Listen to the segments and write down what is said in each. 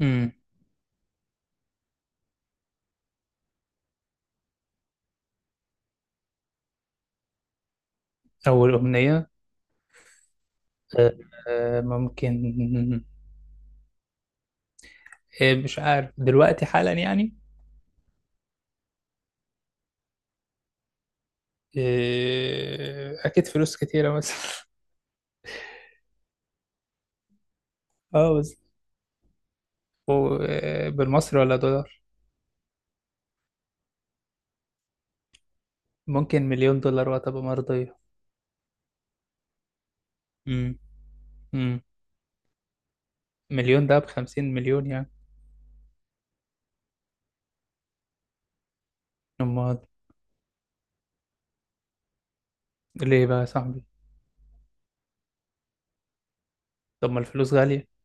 امم أول أغنية. آه، ممكن. مش عارف دلوقتي حالا يعني. آه، أكيد فلوس كتيرة مثلا. اه بس. بالمصري ولا دولار؟ ممكن مليون دولار وهتبقى مرضية. امم. امم. مليون ده ب50 مليون يعني. أمال. ليه بقى يا صاحبي؟ طب ما الفلوس غالية.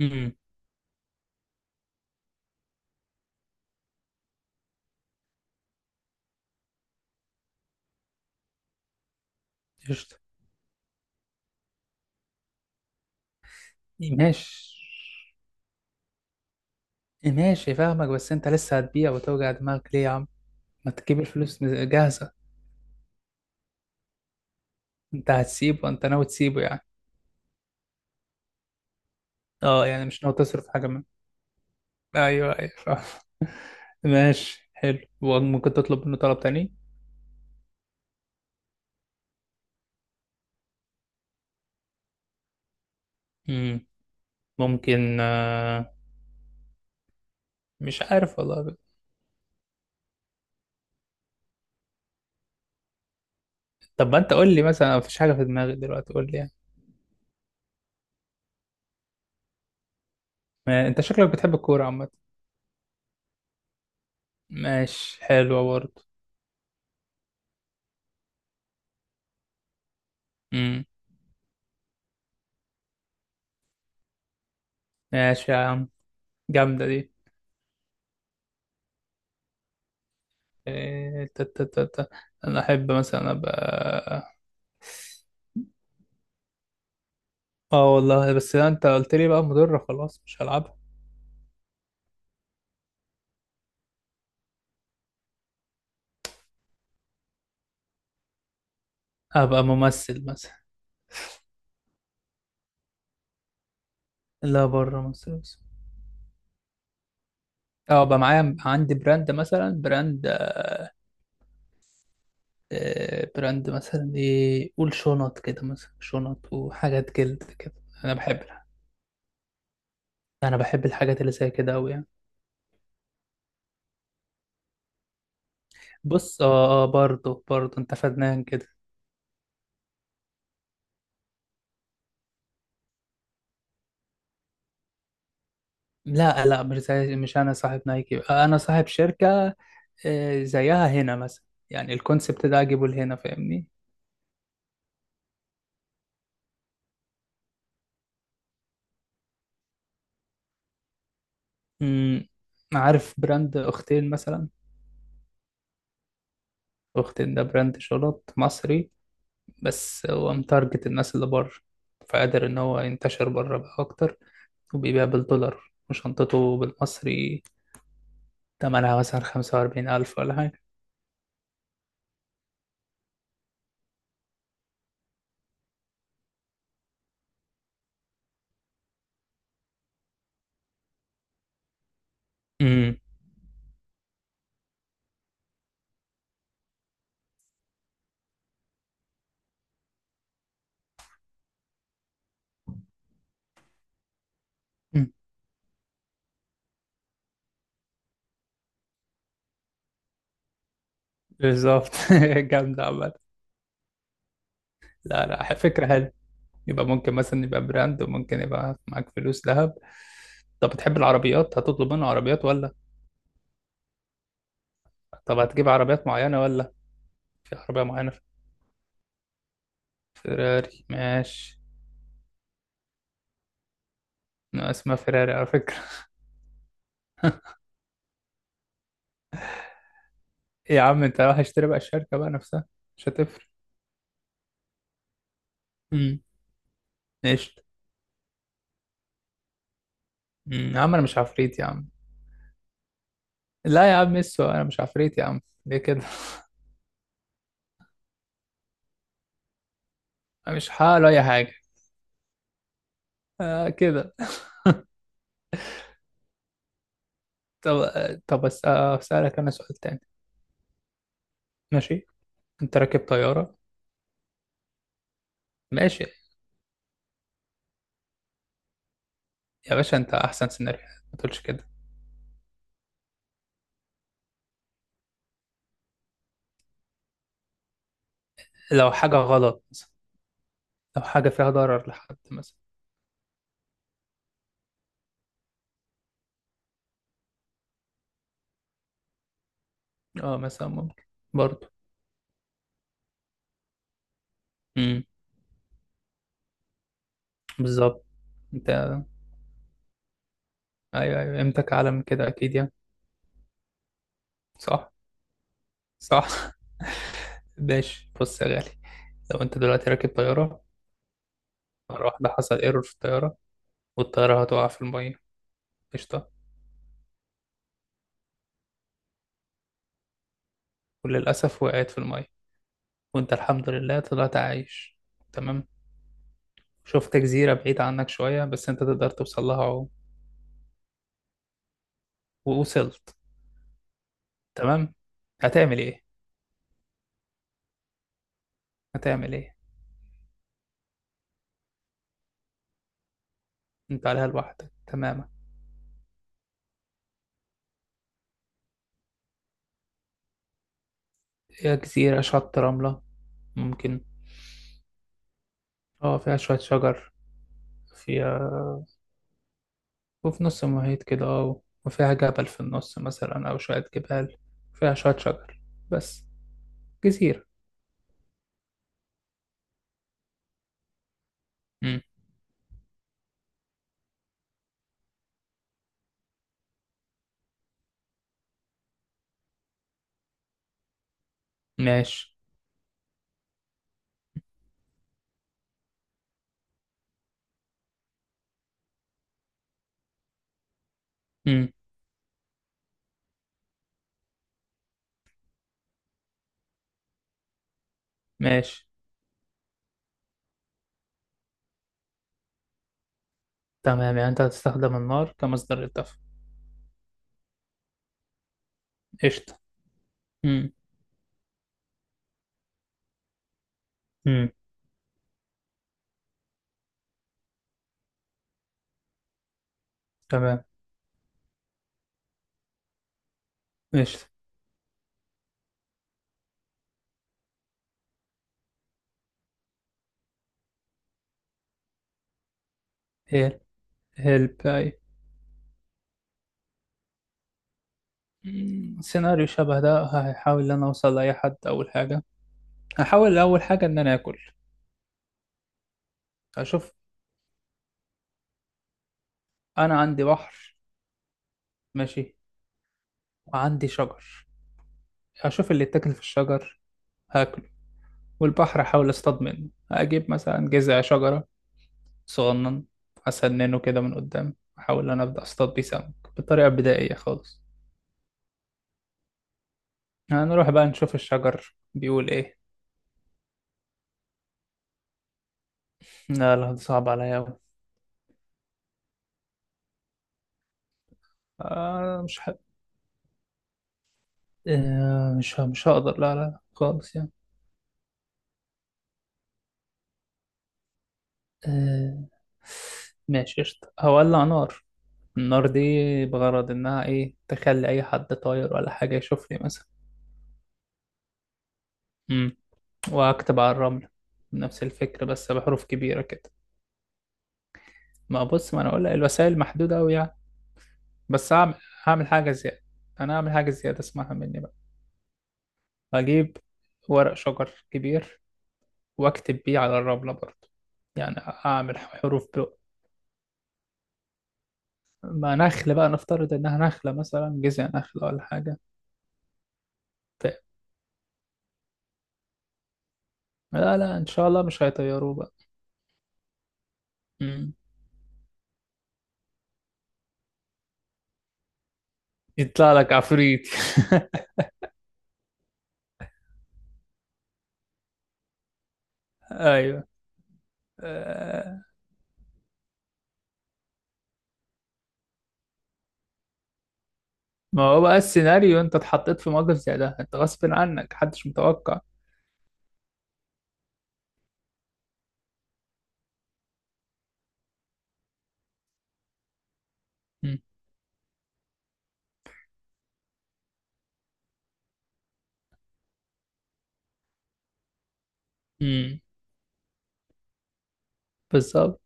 امم. قشطة. ماشي، ماشي فاهمك، بس أنت لسه هتبيع وتوجع دماغك ليه يا عم؟ ما تجيب الفلوس جاهزة. أنت هتسيبه؟ أنت ناوي تسيبه يعني؟ اه، يعني مش ناوي تصرف حاجة منه. ايوه، ايوه فاهم. ماشي، حلو. وممكن تطلب منه طلب تاني؟ مم. ممكن. مش عارف والله. طب ما انت قول لي مثلا، مفيش حاجة في دماغي دلوقتي، قول لي يعني. ما انت شكلك بتحب الكورة عامة. ماشي، حلوة برضه. مم. ماشي يا عم. جامدة دي. إيه، تا- تا- تا- تا. انا احب مثلا ابقى. اه، والله بس لا، انت قلت لي بقى مضرة، خلاص مش هلعبها. ابقى ممثل مثلا. لا بره مصر. اه، بقى معايا عندي براند مثلا، براند مثلا ايه؟ قول شنط كده مثلا، شنط وحاجات جلد كده. انا بحب انا بحب الحاجات اللي زي كده قوي يعني. بص، اه اه، برضه برضه انت فنان كده. لا لا، مش انا صاحب نايكي، انا صاحب شركة. زيها هنا مثلا. يعني الكونسبت ده اجيبه لهنا، فاهمني؟ امم. عارف براند اختين مثلا؟ اختين ده براند شنط مصري، بس هو متارجت الناس اللي بره. فقادر إن هو ينتشر بره بقى أكتر، وبيبيع بالدولار وشنطته بالمصري. تمنها مثلا 45,000 ولا حاجة. امم. أمم. بالظبط. جامدة عامة. لا لا، فكرة حلوة. يبقى ممكن مثلا يبقى براند، وممكن يبقى معاك فلوس، ذهب. طب بتحب العربيات؟ هتطلب منه عربيات ولا؟ طب هتجيب عربيات معينة ولا؟ في عربية معينة. فيراري، ماشي. أنا اسمها فيراري على فكرة. إيه يا عم، انت رايح اشتري بقى الشركة بقى نفسها؟ مش هتفرق. امم. ماشي. يا عم انا مش عفريت يا عم. لا يا عم ميسو، انا مش عفريت يا عم. ليه كده؟ أنا مش هعمل اي حاجه. آه كده. طب طب بس اسالك انا سؤال تاني. ماشي. انت راكب طياره. ماشي. يا باشا انت احسن سيناريو، ما تقولش كده. لو حاجه غلط مثلا، لو حاجه فيها ضرر لحد مثلا. اه مثلا ممكن. برضه. امم. بالظبط. انت. ايوه، ايوه قيمتك اعلى من كده اكيد يعني. صح. صح. ماشي، بص يا غالي. لو انت دلوقتي راكب طياره. مره واحده حصل ايرور في الطياره، والطيارة هتقع في المية. قشطة. وللأسف وقعت في المية، وأنت الحمد لله طلعت عايش. تمام. شفت جزيرة بعيدة عنك شوية، بس أنت تقدر توصل لها عوم. ووصلت. تمام. هتعمل إيه؟ هتعمل إيه؟ أنت عليها لوحدك تماما. هي جزيرة شط رملة. ممكن. أه فيها شوية شجر. فيها. وفي نص المحيط كده، أه وفيها جبل في النص مثلا أو شوية جبال. فيها شوية شجر بس. جزيرة. مم. ماشي. مم. ماشي. تمام، يعني انت هتستخدم النار كمصدر للدفع. قشطة. امم. امم. تمام. قشطة. هيل هيلب اي. سيناريو شبه ده، هحاول ان انا اوصل لاي حد اول حاجة. هحاول اول حاجة ان انا اكل. اشوف. انا عندي بحر، ماشي، وعندي شجر. اشوف اللي اتاكل في الشجر هاكله. والبحر احاول اصطاد منه. اجيب مثلا جذع شجرة صغنن، اسننه كده من قدام، احاول ان انا ابدا اصطاد بيه سمك بطريقة بدائية خالص. هنروح بقى نشوف الشجر بيقول ايه. لا لا، ده صعب عليا أوي. آه مش ح... آه مش ه... مش هقدر، لا لا لا، خالص يعني. آه ماشي قشطة. هولع نار. النار دي بغرض إنها إيه؟ تخلي أي حد طاير ولا حاجة يشوفني مثلا. مم. وأكتب على الرمل نفس الفكرة، بس بحروف كبيرة كده. ما بص، ما أنا أقول لك الوسائل محدودة أوي يعني. بس هعمل حاجة زيادة. أنا هعمل حاجة زيادة، اسمعها مني بقى. هجيب ورق شجر كبير، واكتب بيه على الرملة برضه، يعني اعمل حروف ب. ما نخلة بقى، نفترض انها نخلة مثلا، جذع نخلة ولا حاجة. ف... لا لا، ان شاء الله مش هيطيروه بقى. مم. يطلع لك عفريت. ايوه. آه. ما هو بقى السيناريو، انت اتحطيت في موقف زي ده، انت غصب عنك، محدش متوقع. مم. مم. بالظبط.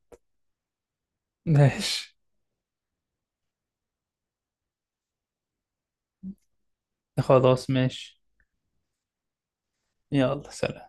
ماشي. خلاص ماشي. يلا سلام.